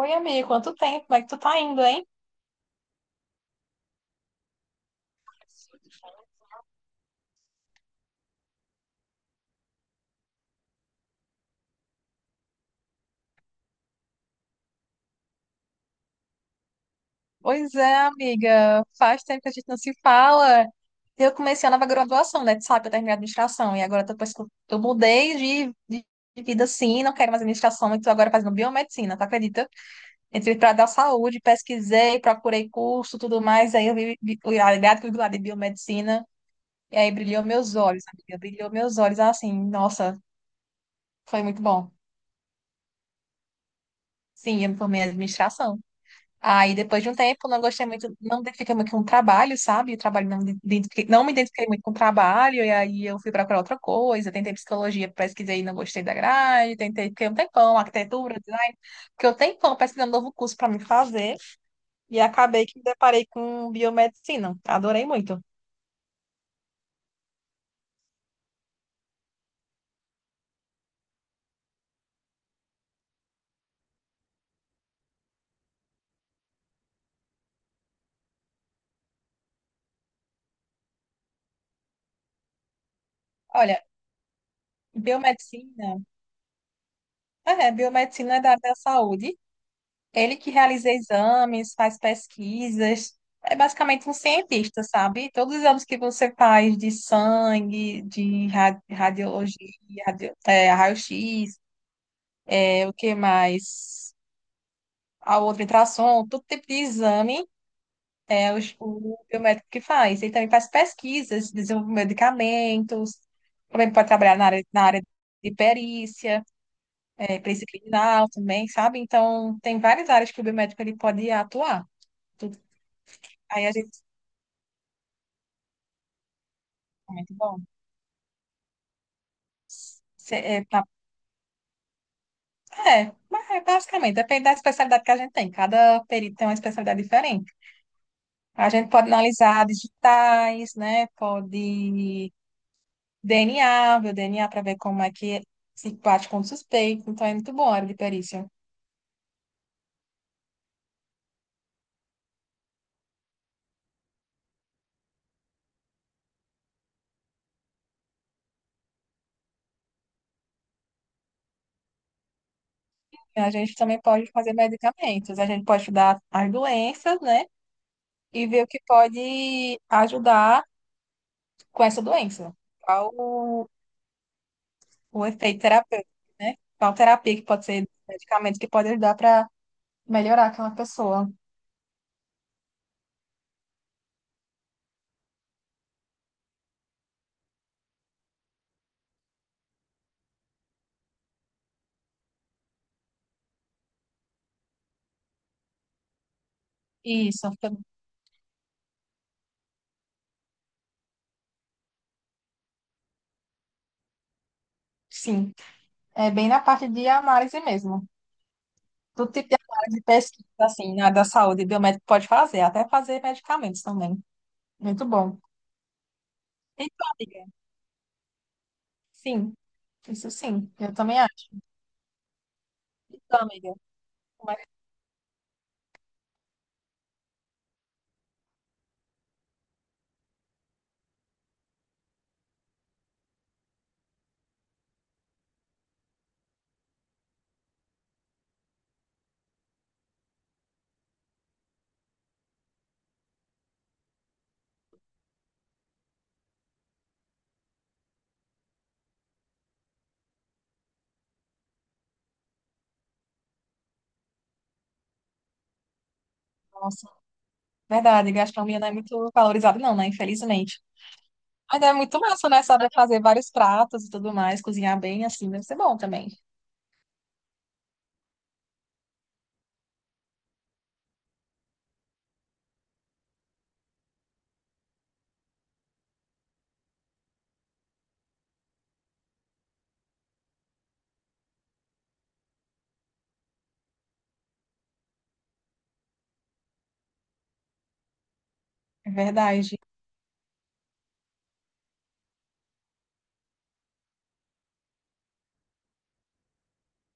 Oi, amiga, quanto tempo? Como é que tu tá indo, hein? Pois é, amiga, faz tempo que a gente não se fala. Eu comecei a nova graduação, né? Tu sabe, eu terminei a administração. E agora, depois que eu mudei de, de, de vida assim, não quero mais administração, e tô agora fazendo biomedicina, tu acredita? Entrei pra dar saúde, pesquisei, procurei curso, tudo mais. Aí eu vi o ligado lá de biomedicina. E aí brilhou meus olhos, amiga. Brilhou meus olhos assim, nossa, foi muito bom. Sim, eu me formei em administração. Aí depois de um tempo não gostei muito, não identifiquei muito com o trabalho, sabe? O trabalho não, não me identifiquei muito com o trabalho, e aí eu fui procurar outra coisa, tentei psicologia, pesquisei e não gostei da grade, tentei, fiquei um tempão, arquitetura, design, fiquei um tempão pesquisando um novo curso para me fazer, e acabei que me deparei com biomedicina, adorei muito. Olha, biomedicina, biomedicina é da área da saúde. Ele que realiza exames, faz pesquisas, é basicamente um cientista, sabe? Todos os exames que você faz de sangue, de radiologia, raio-x, é, o que mais? A outra ultrassom, todo tipo de exame é o biomédico que faz. Ele também faz pesquisas, desenvolve medicamentos, também pode trabalhar na área de perícia, é, perícia criminal também, sabe? Então, tem várias áreas que o biomédico ele pode atuar. Tu- Aí a gente muito bom. Cê- É, pra- mas é basicamente, depende da especialidade que a gente tem. Cada perito tem uma especialidade diferente. A gente pode analisar digitais, né? Pode DNA, ver o DNA para ver como é que é, se bate com o suspeito. Então é muito bom a área de perícia. A gente também pode fazer medicamentos. A gente pode estudar as doenças, né? E ver o que pode ajudar com essa doença. Qual o, o efeito terapêutico, né? Qual terapia que pode ser, medicamento que pode ajudar para melhorar aquela pessoa. Isso, fica- sim. É bem na parte de análise mesmo. Do tipo de análise, pesquisa, assim, na da saúde, biomédico pode fazer, até fazer medicamentos também. Muito bom. Então, amiga, sim, isso sim, eu também acho. Então, amiga, como é que- é? Nossa, verdade, gastronomia não é muito valorizada, não, né? Infelizmente. Mas é muito massa, né? Saber fazer vários pratos e tudo mais, cozinhar bem, assim, deve ser bom também. É verdade.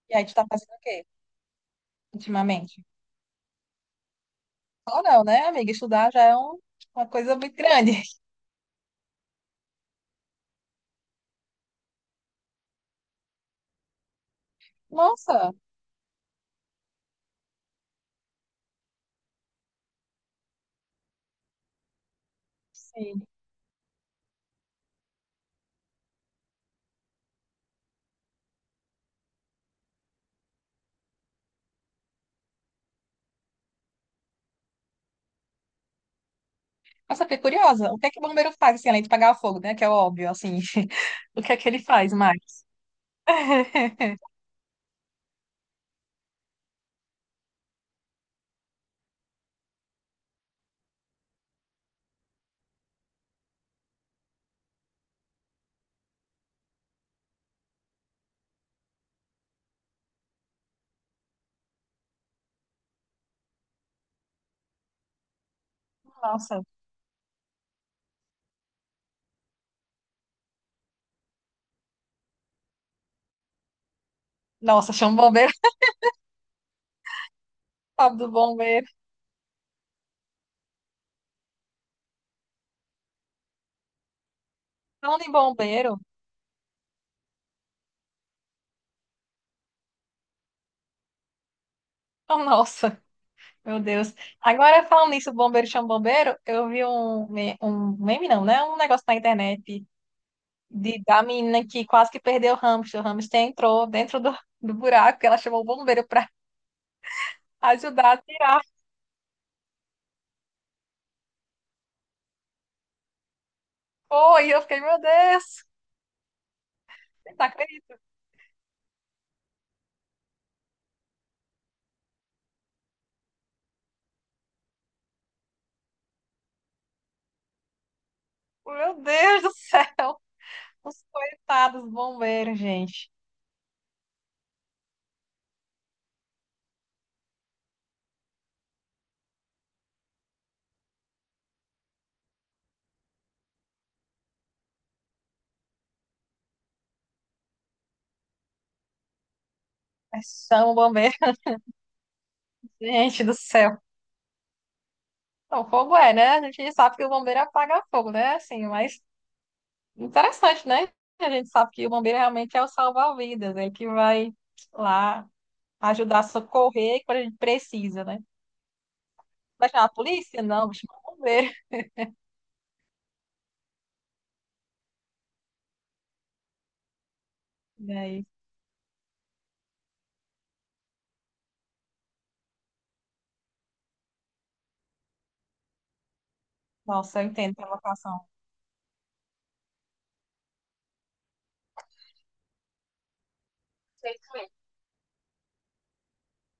E aí, tu tá fazendo o quê ultimamente? Ou não, né, amiga? Estudar já é um- uma coisa muito grande. Nossa, sim. Nossa, fiquei curiosa. O que é que o bombeiro faz, assim, além de apagar o fogo, né? Que é óbvio, assim. O que é que ele faz mais? Nossa, nossa, chama o bombeiro, sabe do bombeiro. Falando em bombeiro, oh, nossa, meu Deus. Agora, falando nisso, bombeiro chama bombeiro, eu vi um meme, não, né? Um negócio na internet da menina que quase que perdeu o hamster. O hamster entrou dentro do buraco, ela chamou o bombeiro pra ajudar a tirar. Foi, eu fiquei, meu Deus, não acredito, meu Deus do céu, os coitados bombeiros, gente. Mas são bombeiros, gente do céu. Não, fogo é, né? A gente sabe que o bombeiro apaga fogo, né? Assim, mas interessante, né? A gente sabe que o bombeiro realmente é o salva-vidas, ele que vai lá ajudar a socorrer quando a gente precisa, né? Vai chamar a polícia? Não, vai chamar o bombeiro. E aí, nossa, eu entendo a vocação.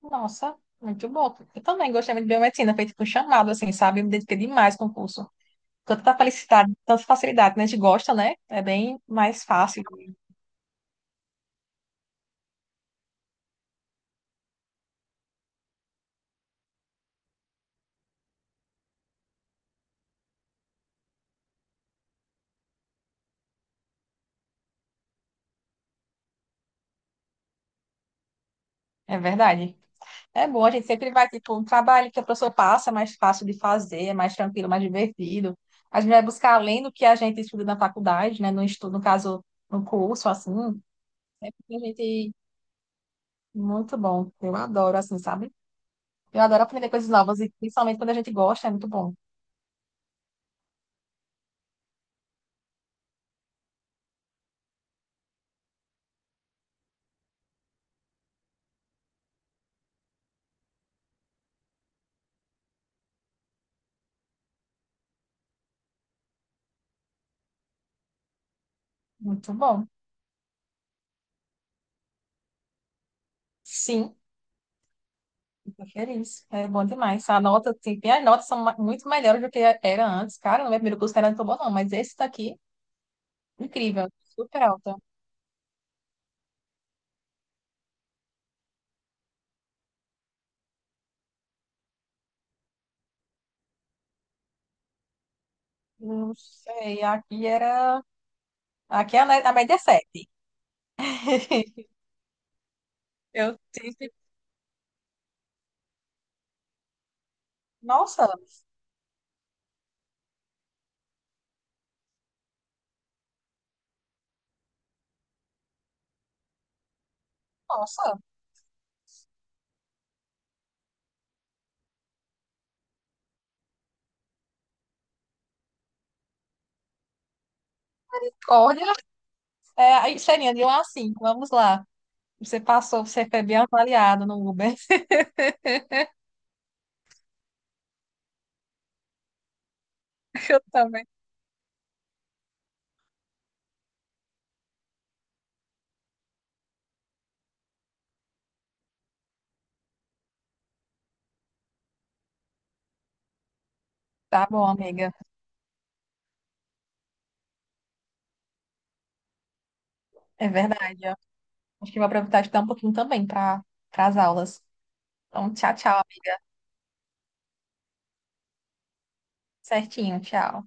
Nossa, muito bom. Eu também gostei muito de biomedicina, feito com chamado, assim, sabe? Eu me dediquei demais com o curso. Tanta felicidade, tanta facilidade, né? A gente gosta, né? É bem mais fácil. É verdade. É bom, a gente sempre vai, tipo, um trabalho que a pessoa passa, é mais fácil de fazer, é mais tranquilo, mais divertido. A gente vai buscar além do que a gente estuda na faculdade, né? No estudo, no caso, no curso, assim. É porque a gente... muito bom. Eu adoro, assim, sabe? Eu adoro aprender coisas novas e principalmente quando a gente gosta, é muito bom. Muito bom. Sim. Tô feliz. É bom demais. A nota, tem as notas são muito melhores do que era antes. Cara, no meu primeiro curso não era tão bom, não, mas esse daqui, incrível, super alta. Não sei, aqui era. Aqui é a média é 7. Eu tive. Nossa, nossa, olha, é, aí seria de 1 a 5, vamos lá. Você passou, você foi bem avaliado no Uber. Eu também. Tá bom, amiga. É verdade, ó. Acho que vou aproveitar de dar um pouquinho também para as aulas. Então, tchau, tchau. Certinho, tchau.